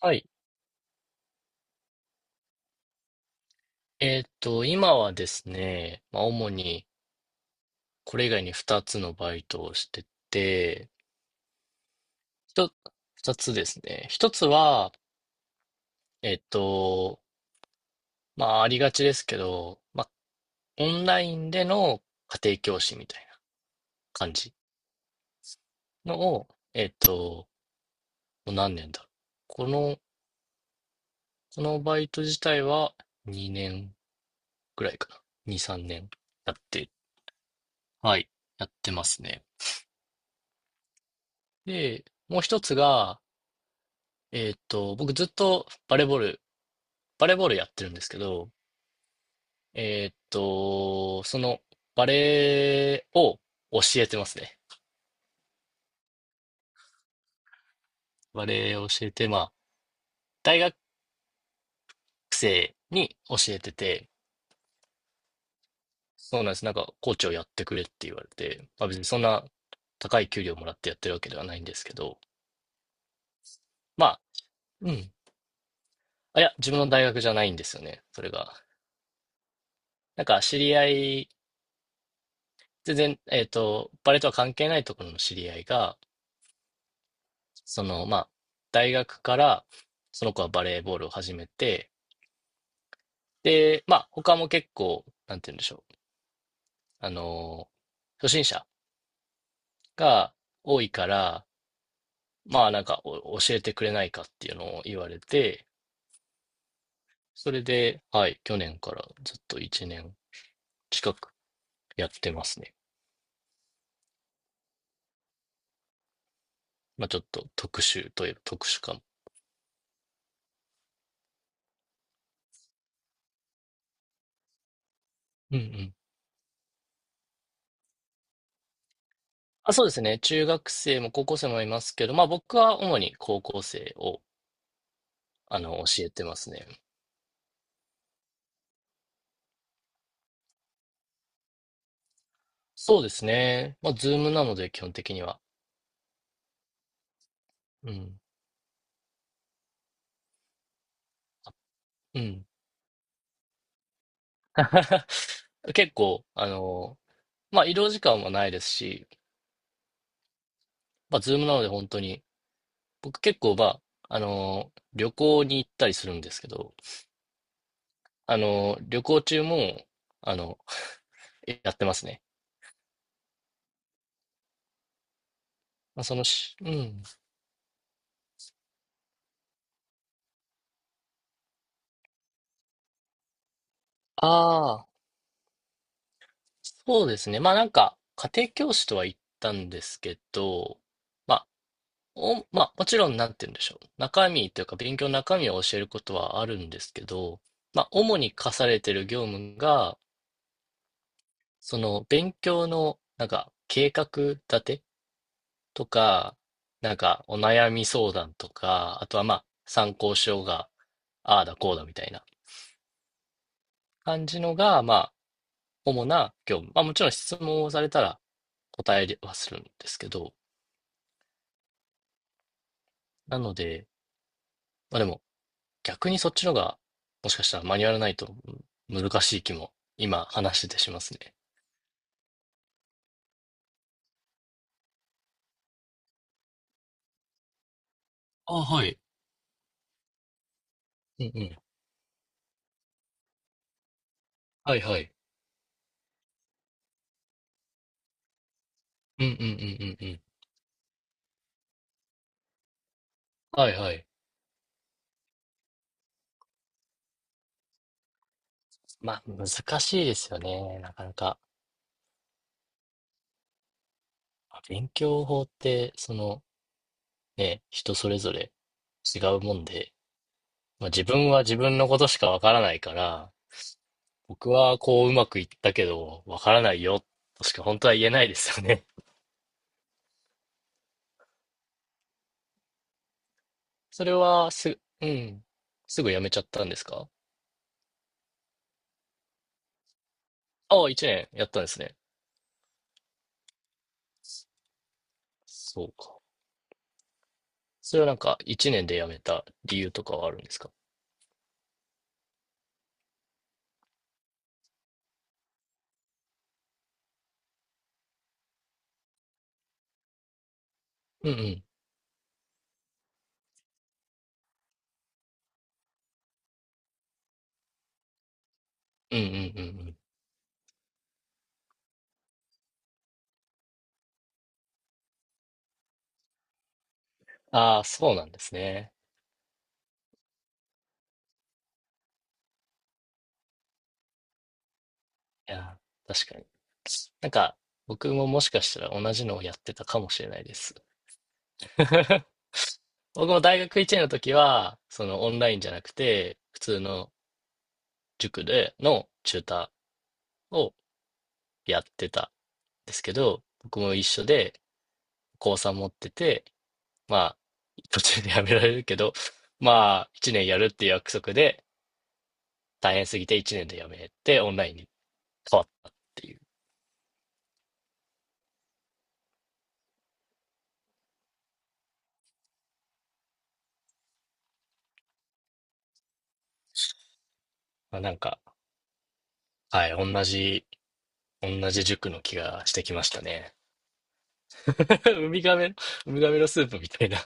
はい。今はですね、まあ、主にこれ以外に2つのバイトをしてて、一つ2つですね。1つは、えーっと、まあ、ありがちですけど、まあ、オンラインでの家庭教師みたいな感じのを、もう何年だろう。この、このバイト自体は2年ぐらいかな。2、3年やって、はい、やってますね。で、もう一つが、僕ずっとバレーボールやってるんですけど、そのバレーを教えてますね。バレーを教えて、まあ、大学生に教えてて、そうなんです。なんか、コーチをやってくれって言われて、まあ別にそんな高い給料もらってやってるわけではないんですけど、まあ、うん。あ、いや、自分の大学じゃないんですよね。それが。なんか、知り合い、全然、バレーとは関係ないところの知り合いが、その、まあ、大学から、その子はバレーボールを始めて、で、まあ、他も結構、なんて言うんでしょう。あの、初心者が多いから、まあ、なんかお、教えてくれないかっていうのを言われて、それで、はい、去年からずっと1年近くやってますね。まあ、ちょっと特殊といえば特殊かも。うんうん。あ、そうですね。中学生も高校生もいますけど、まあ、僕は主に高校生を、あの、教えてますね。そうですね。まあ、ズームなので、基本的には。うん。うん。結構、あの、まあ、移動時間はないですし、まあ、ズームなので本当に、僕結構、まあ、あの、旅行に行ったりするんですけど、あの、旅行中も、あの、やってますね。まあ、そのし、うん。ああ、そうですね。まあ、なんか、家庭教師とは言ったんですけど、ままあ、もちろん、なんて言うんでしょう。中身というか、勉強の中身を教えることはあるんですけど、まあ、主に課されている業務が、その、勉強の、なんか、計画立てとか、なんか、お悩み相談とか、あとは、まあ、参考書が、ああだこうだみたいな感じのが、まあ、主な業務。まあ、もちろん質問をされたら答えはするんですけど、なので、まあでも、逆にそっちのが、もしかしたらマニュアルないと難しい気も、今話しててしますね。あ、はい。うんうん。はいはい。うんうんうんうんうん。はいはい。まあ、難しいですよね。なかなか。勉強法って、その、ね、人それぞれ違うもんで、まあ、自分は自分のことしかわからないから、僕はこううまくいったけど、わからないよ、としか本当は言えないですよね。それはす、うん。すぐやめちゃったんですか？ああ、一年やったんですね。そうか。それはなんか、一年で辞めた理由とかはあるんですか？うんうん。うんうんうんうん。ああ、そうなんですね。いや、確かに。なんか、僕ももしかしたら同じのをやってたかもしれないです。僕も大学1年の時は、そのオンラインじゃなくて、普通の塾でのチューターをやってたんですけど、僕も一緒で、高3持ってて、まあ、途中で辞められるけど、まあ、1年やるっていう約束で、大変すぎて1年で辞めて、オンラインに変わったっていう。まあ、なんか、はい、同じ塾の気がしてきましたね。ウミガメ、ウミガメのスープみたいな。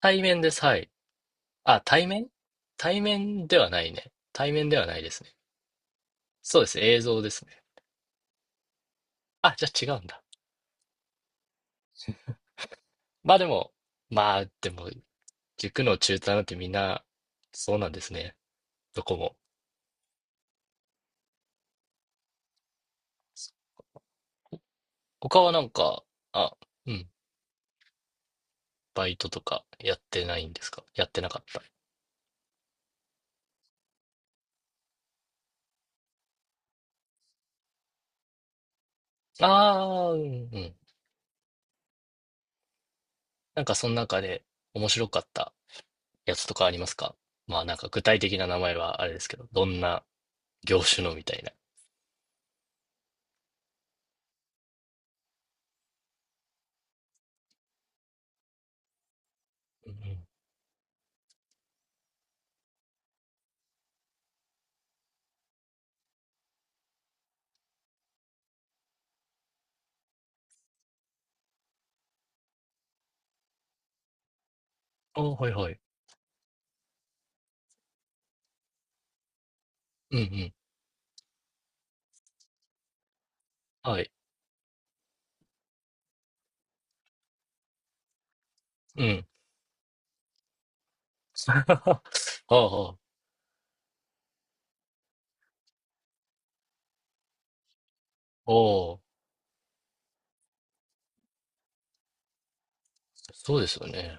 対面です、はい。あ、対面ではないね。対面ではないですね。そうです、映像ですね。あ、じゃあ違うんだ。まあでも、まあでも、塾の中退なんてみんな、そうなんですね。どこも。他はなんか、あ、うん。バイトとかやってないんですか？やってなかった？ああ、うん、うん。なんかその中で面白かったやつとかありますか？まあなんか具体的な名前はあれですけど、どんな業種のみたいな。うんうん。ああ、はいはい。うんうん。はい。うん。ああ、ああ、おーそうですよね。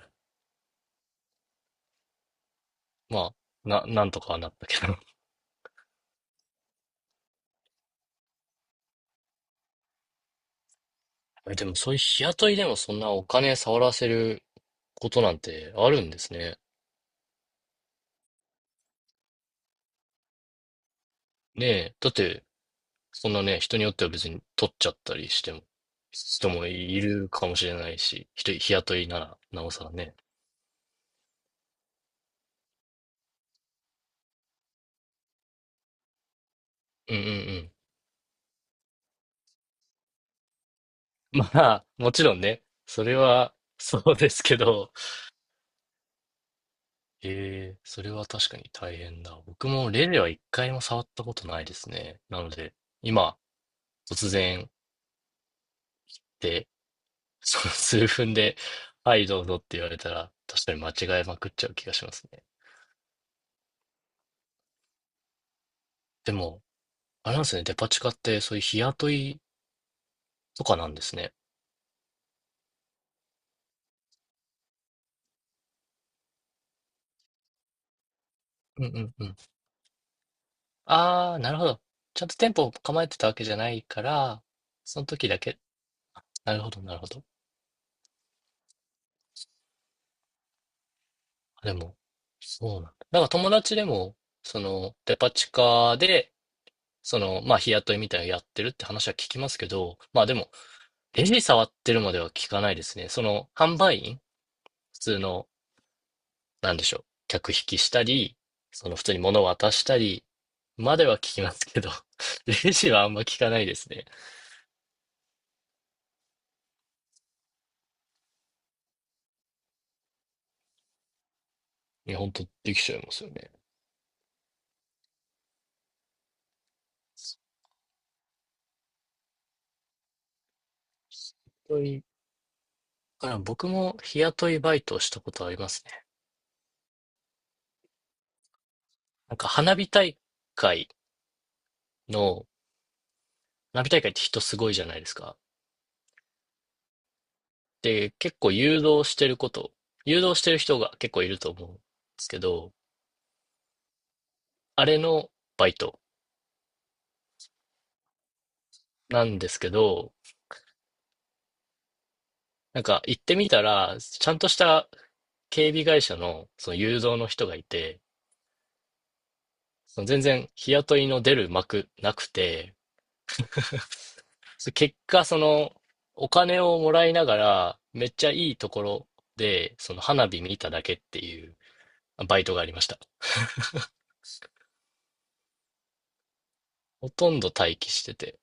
まあ、なんとかはなったけど。えでもそういう日雇いでもそんなお金触らせることなんてあるんですね。ねえ。だって、そんなね、人によっては別に取っちゃったりしても、人もいるかもしれないし、人、日雇いなら、なおさらね。うんうんうん。まあ、もちろんね、それは、そうですけど、ええ、それは確かに大変だ。僕もレジは一回も触ったことないですね。なので、今、突然で、その数分で、はい、どうぞって言われたら、確かに間違えまくっちゃう気がしますね。でも、あれなんですね、デパ地下って、そういう日雇いとかなんですね。うんうんうん。ああ、なるほど。ちゃんと店舗を構えてたわけじゃないから、その時だけ。なるほど、なるほど。あでも、そうなんだ。なんか友達でも、その、デパ地下で、その、まあ、日雇いみたいなのやってるって話は聞きますけど、まあでも、レジ触ってるまでは聞かないですね。その、販売員、普通の、なんでしょう、客引きしたり、その、普通に物を渡したり、までは聞きますけど、レジはあんま聞かないですね。いや、本当できちゃいますよね。本当にだから僕も日雇いバイトをしたことありますね。なんか会の、花火大会って人すごいじゃないですか。で、結構誘導してる人が結構いると思うんですけど、あれのバイトなんですけど、なんか行ってみたら、ちゃんとした警備会社のその誘導の人がいて、その全然日雇いの出る幕なくて、結果、その、お金をもらいながら、めっちゃいいところで、その花火見ただけっていうバイトがありました。ほとんど待機してて。